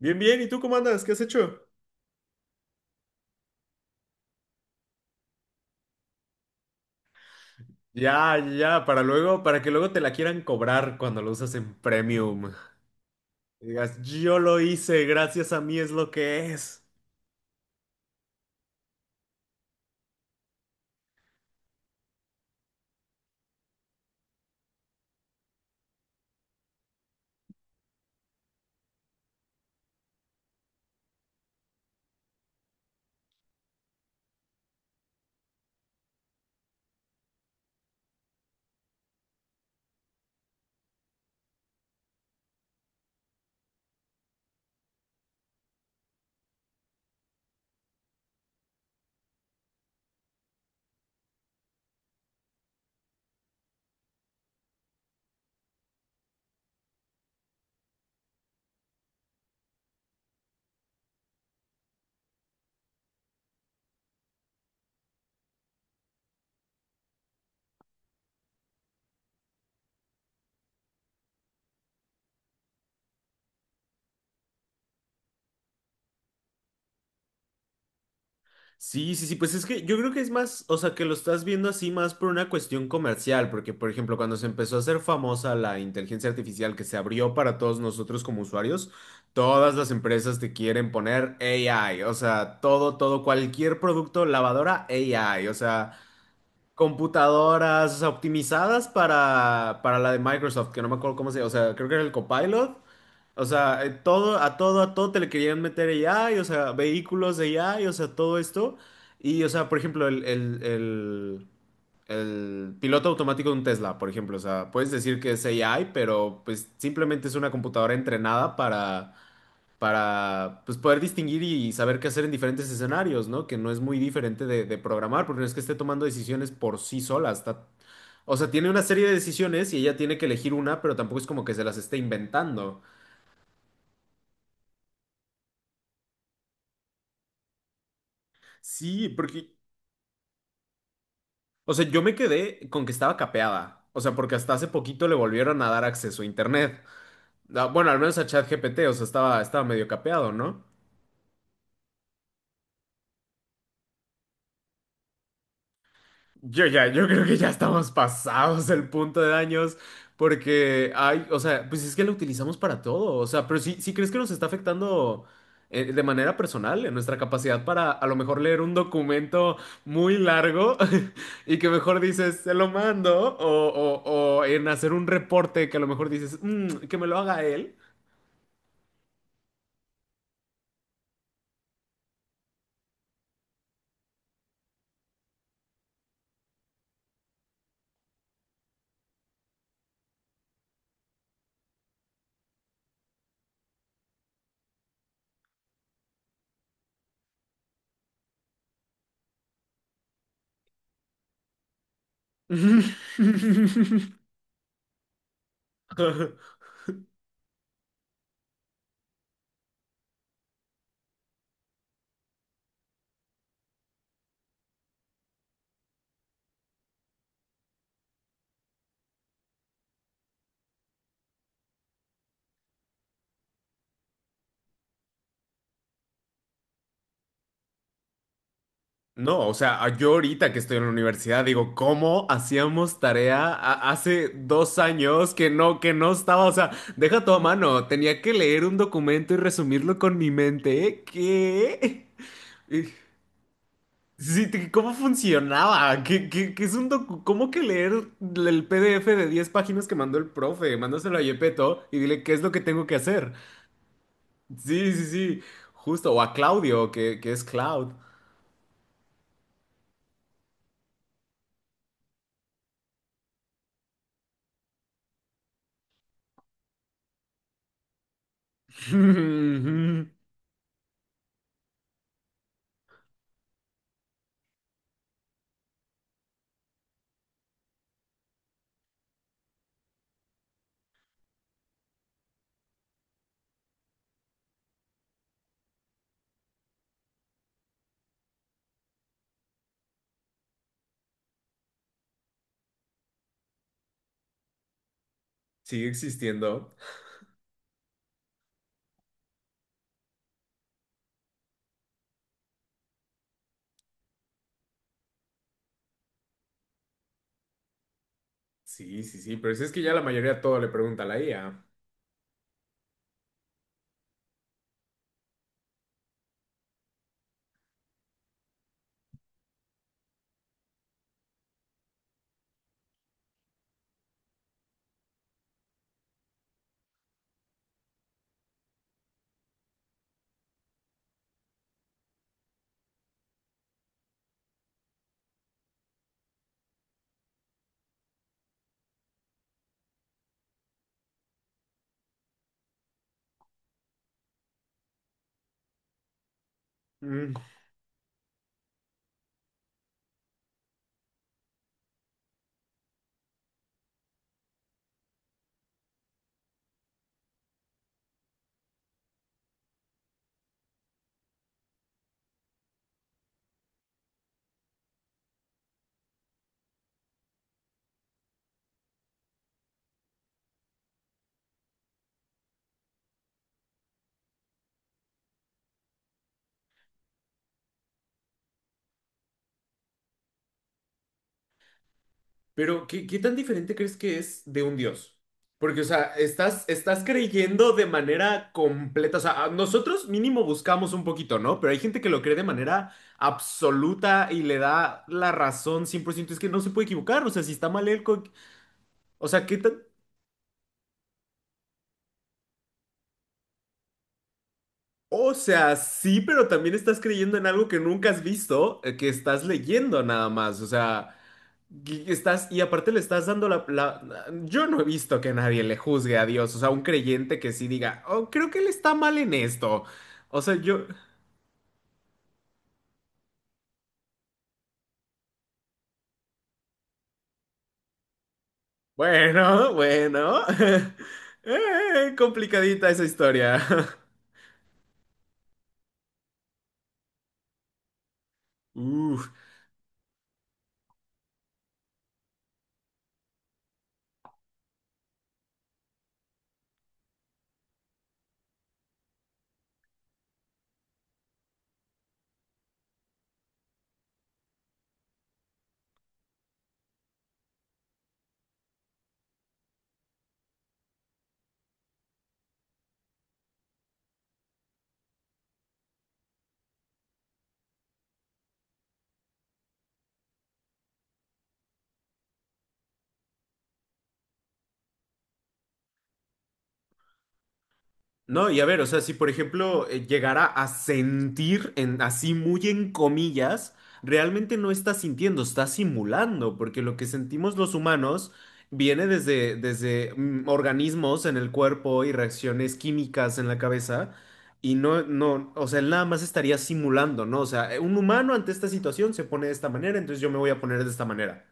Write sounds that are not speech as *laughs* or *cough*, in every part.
Bien, bien. ¿Y tú cómo andas? ¿Qué has hecho? Ya, ya, para luego, para que luego te la quieran cobrar cuando lo usas en premium. Y digas, yo lo hice, gracias a mí es lo que es. Sí, sí, sí, pues es que yo creo que es más, o sea, que lo estás viendo así más por una cuestión comercial, porque por ejemplo, cuando se empezó a hacer famosa la inteligencia artificial que se abrió para todos nosotros como usuarios, todas las empresas te quieren poner AI, o sea, todo, todo, cualquier producto, lavadora, AI, o sea. Computadoras, o sea, optimizadas para, la de Microsoft, que no me acuerdo cómo se llama, o sea, creo que era el Copilot. O sea, a todo te le querían meter AI, o sea, vehículos de AI, o sea, todo esto. Y, o sea, por ejemplo, el piloto automático de un Tesla, por ejemplo, o sea, puedes decir que es AI, pero pues simplemente es una computadora entrenada para pues, poder distinguir y saber qué hacer en diferentes escenarios, ¿no? Que no es muy diferente de programar, porque no es que esté tomando decisiones por sí sola. Está, o sea, tiene una serie de decisiones y ella tiene que elegir una, pero tampoco es como que se las esté inventando. Sí, porque, o sea, yo me quedé con que estaba capeada. O sea, porque hasta hace poquito le volvieron a dar acceso a internet. Ah, bueno, al menos a ChatGPT, o sea, estaba medio capeado, ¿no? Yo creo que ya estamos pasados el punto de daños porque hay, o sea, pues es que lo utilizamos para todo, o sea, pero sí, ¿sí crees que nos está afectando de manera personal en nuestra capacidad para a lo mejor leer un documento muy largo? *laughs* Y que mejor dices, se lo mando, o en hacer un reporte que a lo mejor dices, que me lo haga él." *laughs* No, o sea, yo ahorita que estoy en la universidad digo, ¿cómo hacíamos tarea hace 2 años que no, estaba? O sea, deja todo a mano, tenía que leer un documento y resumirlo con mi mente. ¿Qué? Eh, Sí, ¿cómo funcionaba? ¿Qué es ¿cómo que leer el PDF de 10 páginas que mandó el profe? Mándaselo a Yepeto y dile qué es lo que tengo que hacer. Sí, sí, sí, justo. O a Claudio, que es Cloud. *laughs* Sigue existiendo. Sí, sí, sí, pero si es que ya la mayoría todo le pregunta a la IA. Mm, Pero, ¿qué tan diferente crees que es de un dios? Porque, o sea, estás creyendo de manera completa. O sea, nosotros mínimo buscamos un poquito, ¿no? Pero hay gente que lo cree de manera absoluta y le da la razón 100%. Es que no se puede equivocar. O sea, si está mal él, o sea, ¿qué tan o sea, sí, pero también estás creyendo en algo que nunca has visto, que estás leyendo nada más. O sea, y estás, y aparte le estás dando la- Yo no he visto que nadie le juzgue a Dios. O sea, un creyente que sí diga, oh, creo que él está mal en esto. O sea, yo. Bueno, bueno. *laughs* Complicadita esa historia. *laughs* Uf. No, y a ver, o sea, si por ejemplo llegara a sentir en, así muy en comillas, realmente no está sintiendo, está simulando, porque lo que sentimos los humanos viene desde organismos en el cuerpo y reacciones químicas en la cabeza, y no, no, o sea, él nada más estaría simulando, ¿no? O sea, un humano ante esta situación se pone de esta manera, entonces yo me voy a poner de esta manera.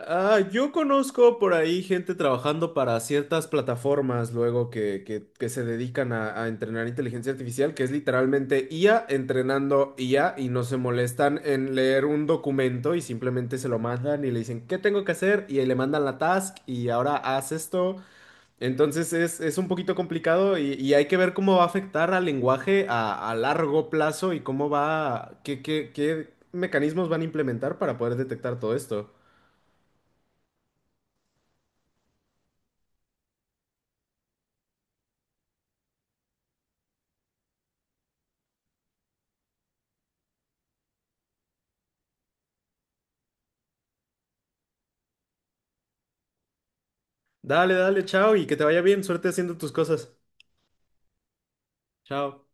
Ah, yo conozco por ahí gente trabajando para ciertas plataformas luego que se dedican a entrenar inteligencia artificial, que es literalmente IA entrenando IA y no se molestan en leer un documento y simplemente se lo mandan y le dicen, ¿qué tengo que hacer? Y ahí le mandan la task y ahora haz esto. Entonces es un poquito complicado y hay que ver cómo va a afectar al lenguaje a largo plazo y qué mecanismos van a implementar para poder detectar todo esto. Dale, dale, chao y que te vaya bien. Suerte haciendo tus cosas. Chao.